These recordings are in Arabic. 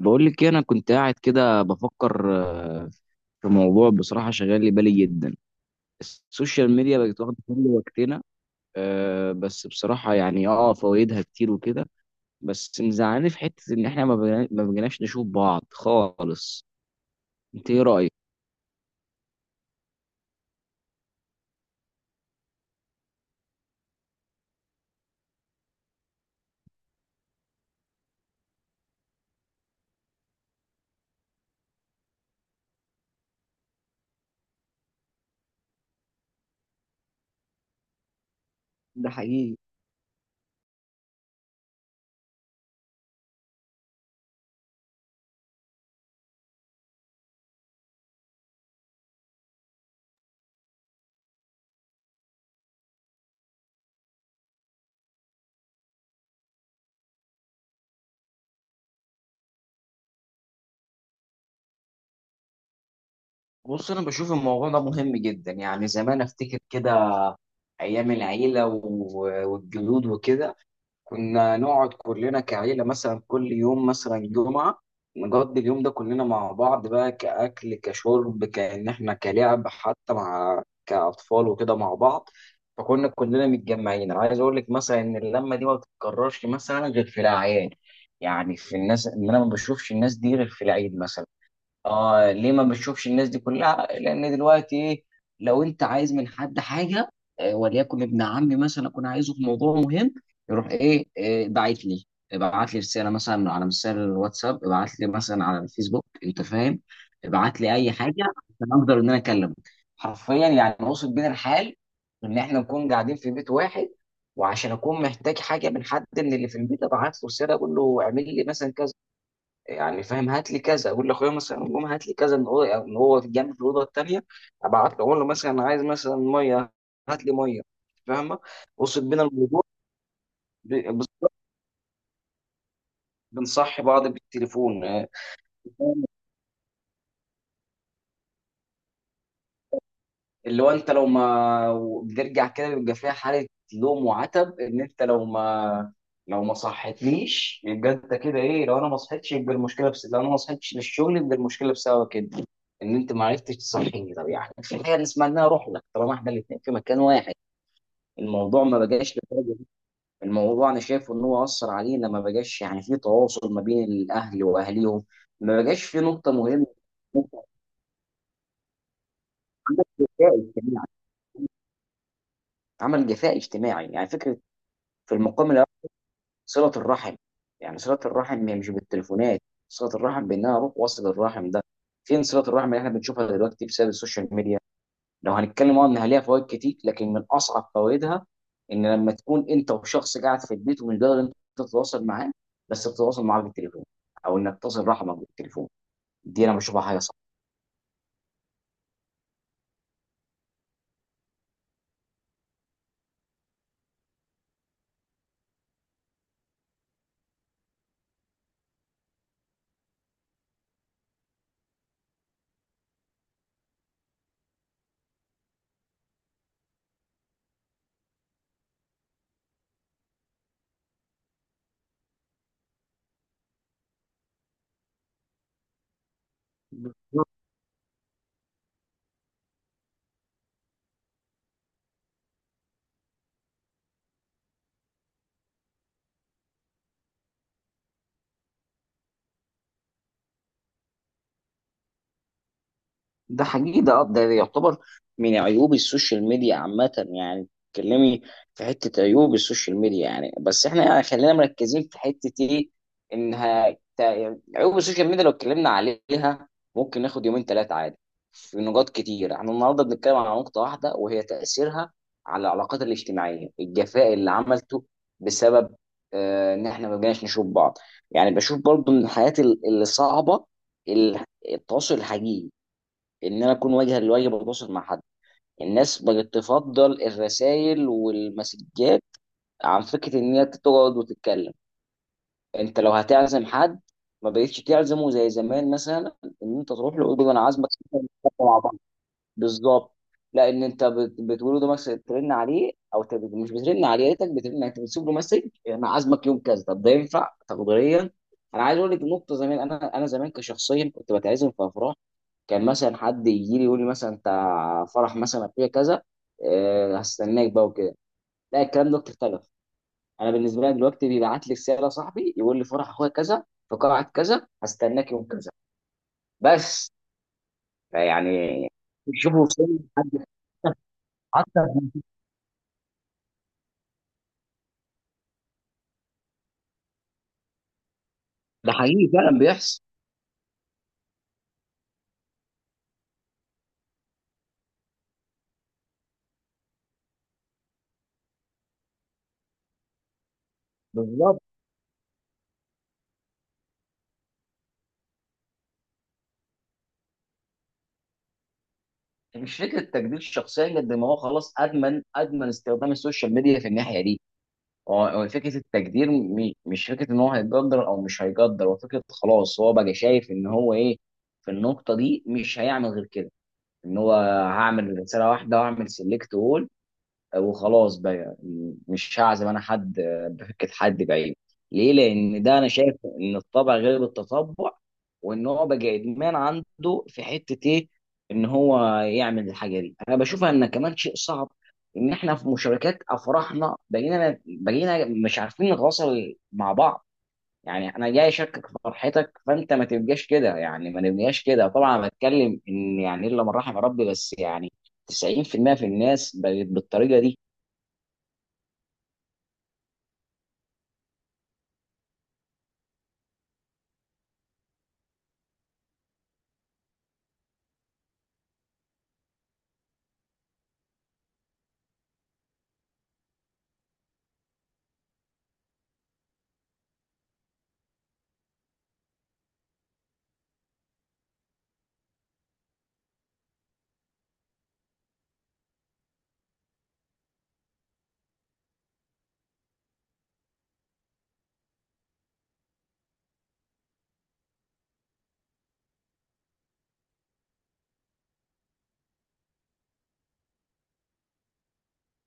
بقول لك إيه، انا كنت قاعد كده بفكر في موضوع بصراحه شغال لي بالي جدا. السوشيال ميديا بقت واخده كل وقتنا. بس بصراحه يعني فوائدها كتير وكده، بس مزعلاني في حته ان احنا ما بقيناش نشوف بعض خالص. انت ايه رايك؟ ده حقيقي. بص، انا بشوف الموضوع ده مهم جدا. يعني زمان افتكر كده، ايام العيله والجدود وكده، كنا نقعد كلنا كعيلة مثلا كل يوم مثلا جمعة، نقضي اليوم ده كلنا مع بعض، بقى كأكل كشرب كأن احنا كلعب حتى مع كأطفال وكده مع بعض. فكنا كلنا متجمعين. عايز اقول لك مثلا ان اللمة دي ما بتتكررش مثلا غير في الأعياد. يعني في الناس ان انا ما بشوفش الناس دي غير في العيد مثلا. اه ليه ما بتشوفش الناس دي كلها؟ لان دلوقتي ايه، لو انت عايز من حد حاجه، وليكن ابن عمي مثلا اكون عايزه في موضوع مهم، يروح ايه، باعت لي، ابعت لي رساله مثلا على مثال الواتساب، ابعت لي مثلا على الفيسبوك، انت فاهم، ابعت لي اي حاجه عشان اقدر ان انا اكلمه. حرفيا يعني وصل بينا الحال، ان احنا نكون قاعدين في بيت واحد، وعشان اكون محتاج حاجه من حد من اللي في البيت، ابعت له رساله اقول له اعمل لي مثلا كذا، يعني فاهم، هات لي كذا، اقول لاخويا مثلا قوم هات لي كذا من الاوضه أو من هو في جنب في الاوضه الثانيه، ابعت له اقول له مثلا عايز مثلا ميه، هات لي ميه. فاهمه، وصل بينا الموضوع. بالظبط، بنصحي بعض بالتليفون. آه، اللي هو انت لو ما بترجع كده بيبقى فيها حاله لوم وعتب، ان انت لو ما، لو ما صحتليش يبقى انت كده ايه، لو انا ما صحتش يبقى المشكله، بس لو انا ما صحتش للشغل يبقى المشكله بسبب كده، ان انت ما عرفتش تصحيني. طب يعني في حاجه نسمع انها روح لك طالما احنا الاثنين في مكان واحد. الموضوع ما بقاش للدرجة دي. الموضوع انا شايفه ان هو اثر علينا، ما بقاش يعني في تواصل ما بين الاهل واهليهم، ما بقاش في نقطه مهمه. عمل جفاء اجتماعي، عمل جفاء اجتماعي يعني، فكره في المقام صلة الرحم. يعني صلة الرحم هي مش بالتليفونات، صلة الرحم بإن أنا أروح وأصل الرحم ده. فين صلة الرحم اللي إحنا بنشوفها دلوقتي بسبب السوشيال ميديا؟ لو هنتكلم إنها ليها فوائد كتير، لكن من أصعب فوائدها إن لما تكون أنت وشخص قاعد في البيت ومش قادر أنت تتواصل معاه، بس بتتواصل معاه بالتليفون، أو إنك تصل رحمك بالتليفون. دي أنا بشوفها حاجة صعبة. ده حقيقي، ده يعتبر من عيوب السوشيال ميديا عامة يعني. تتكلمي. في حتة عيوب السوشيال ميديا يعني، بس احنا يعني خلينا مركزين في حتة ايه، عيوب السوشيال ميديا لو اتكلمنا عليها ممكن ناخد يومين ثلاثة عادي، في نقاط كتير. احنا النهاردة بنتكلم على نقطة واحدة، وهي تأثيرها على العلاقات الاجتماعية، الجفاء اللي عملته بسبب، ان احنا ما بقيناش نشوف بعض. يعني بشوف برضو من الحاجات اللي صعبة، ال- التواصل الحقيقي، ان انا اكون واجها لوجه بتواصل مع حد. الناس بقت تفضل الرسائل والمسجات عن فكره ان هي تقعد وتتكلم. انت لو هتعزم حد ما بقتش تعزمه زي زمان مثلا، ان انت تروح له وتقول له انا عازمك، نتكلم مع بعض، بالظبط. لا، ان انت بتقول له مثلا ترن عليه، او مش بترن عليه، يا ريتك بترن، يعني انت بتسيب له مسج، انا عازمك يوم كذا. طب ده ينفع تقديريا؟ انا عايز اقول لك نقطه، زمان انا، زمان كشخصيا كنت بتعزم في افراح، كان مثلا حد يجي لي يقول لي مثلا، انت فرح مثلا اخويا كذا، هستناك بقى وكده. لا، الكلام ده اختلف. انا بالنسبه لي دلوقتي بيبعت لي رساله صاحبي يقول لي فرح اخويا كذا في قاعه كذا، هستناك يوم كذا، بس، يعني. شوفوا وصلنا لحد حتى، ده حقيقي فعلا بيحصل، بالظبط. مش فكره تجديد الشخصيه، قد ما هو خلاص ادمن ادمن استخدام السوشيال ميديا في الناحيه دي. هو فكره التجدير، مش فكره ان هو هيقدر او مش هيقدر، هو فكره خلاص هو بقى شايف ان هو ايه، في النقطه دي مش هيعمل غير كده، ان هو هعمل رساله واحده واعمل سيلكت اول وخلاص بقى، مش هعزم انا حد، بفكة حد بعيد. ليه؟ لان ده انا شايف ان الطبع غير التطبع، وان هو بقى ادمان عنده في حتة ايه، ان هو يعمل الحاجة دي. انا بشوفها ان كمان شيء صعب، ان احنا في مشاركات افراحنا بقينا مش عارفين نتواصل مع بعض. يعني انا جاي اشاركك في فرحتك فانت ما تبقاش كده، يعني ما نبقاش كده. طبعا أنا بتكلم ان يعني الا من رحم ربي، بس يعني 90% في المية في الناس بقت بالطريقه دي.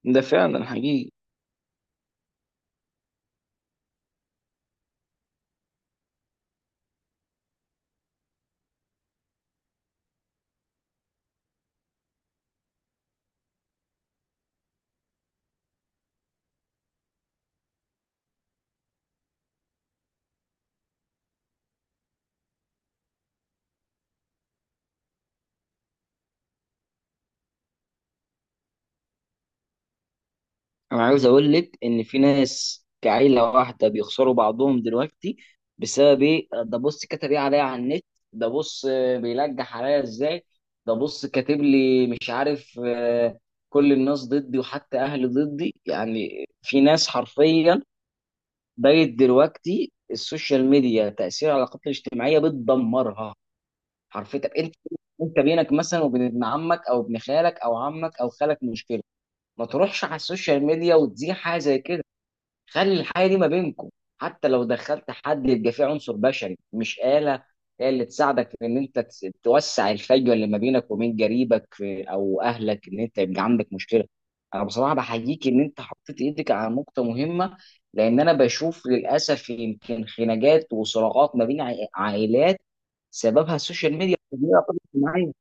ده فعلا حقيقي. انا عاوز اقول لك ان في ناس كعيله واحده بيخسروا بعضهم دلوقتي بسبب ايه، ده بص كتب ايه عليا على النت، ده بص بيلجح عليا ازاي، ده بص كاتب لي مش عارف كل الناس ضدي وحتى اهلي ضدي. يعني في ناس حرفيا بقت دلوقتي السوشيال ميديا تاثير على العلاقات الاجتماعيه بتدمرها حرفيا. طب انت، انت بينك مثلا وبين ابن عمك او ابن خالك او عمك او خالك مشكله، ما تروحش على السوشيال ميديا وتزيع حاجه زي كده، خلي الحاجه دي ما بينكم. حتى لو دخلت حد يبقى فيه عنصر بشري مش آلة هي اللي تساعدك في ان انت توسع الفجوه اللي ما بينك وبين قريبك، في او اهلك ان انت يبقى عندك مشكله. انا بصراحه بحييك ان انت حطيت ايدك على نقطه مهمه، لان انا بشوف للاسف يمكن خناقات وصراعات ما بين عائلات سببها السوشيال ميديا والتجميع الاجتماعية.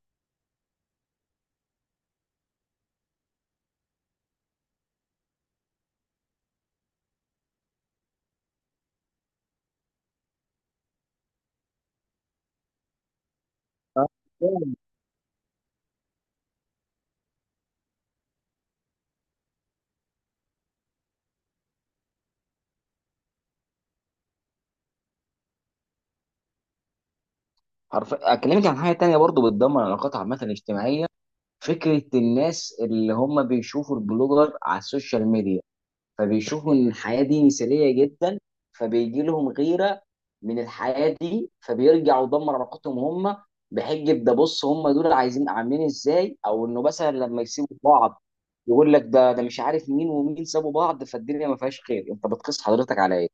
حرف اكلمك عن حاجه تانية برضو بتدمر العلاقات عامه الاجتماعيه، فكرة الناس اللي هم بيشوفوا البلوجر على السوشيال ميديا، فبيشوفوا ان الحياة دي مثالية جدا، فبيجي لهم غيرة من الحياة دي، فبيرجعوا يدمر علاقتهم هم بحجة، ده بص هم دول عايزين عاملين ازاي، او انه مثلا لما يسيبوا بعض، يقول لك ده مش عارف مين ومين سابوا بعض، فالدنيا ما فيهاش خير. انت بتقيس حضرتك على ايه؟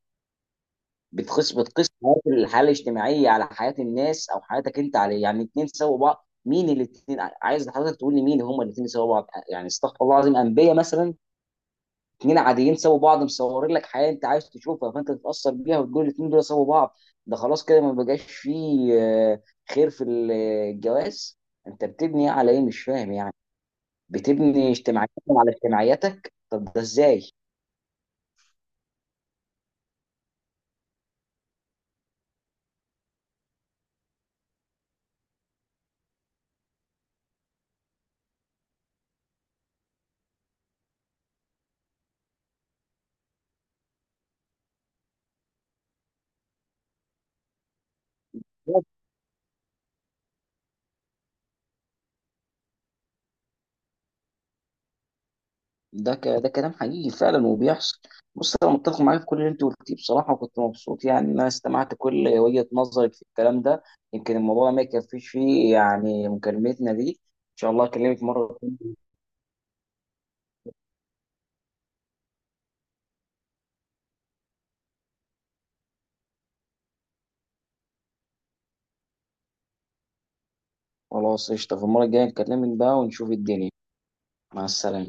بتقيس حياه الحاله الاجتماعيه على حياه الناس، او حياتك انت عليه. يعني الاثنين سوا بعض، مين الاثنين؟ عايز حضرتك تقول لي مين هم الاثنين سوا بعض، يعني استغفر الله العظيم، انبياء مثلا؟ اثنين عاديين سوا بعض مصورين لك حياه انت عايز تشوفها، فانت تتاثر بيها وتقول الاثنين دول سوا بعض، ده خلاص كده ما بقاش فيه خير في الجواز. انت بتبني على ايه؟ مش فاهم يعني، بتبني اجتماعيتك على اجتماعياتك، طب ده ازاي؟ ده كلام حقيقي فعلا وبيحصل. بص انا متفق معاك في كل اللي انت قلتيه بصراحه، وكنت مبسوط يعني ان انا استمعت كل وجهه نظرك في الكلام ده. يمكن الموضوع ما يكفيش فيه يعني مكالمتنا دي، ان شاء الله اكلمك مره. خلاص قشطه، في المره الجايه نكلمك بقى ونشوف الدنيا. مع السلامه.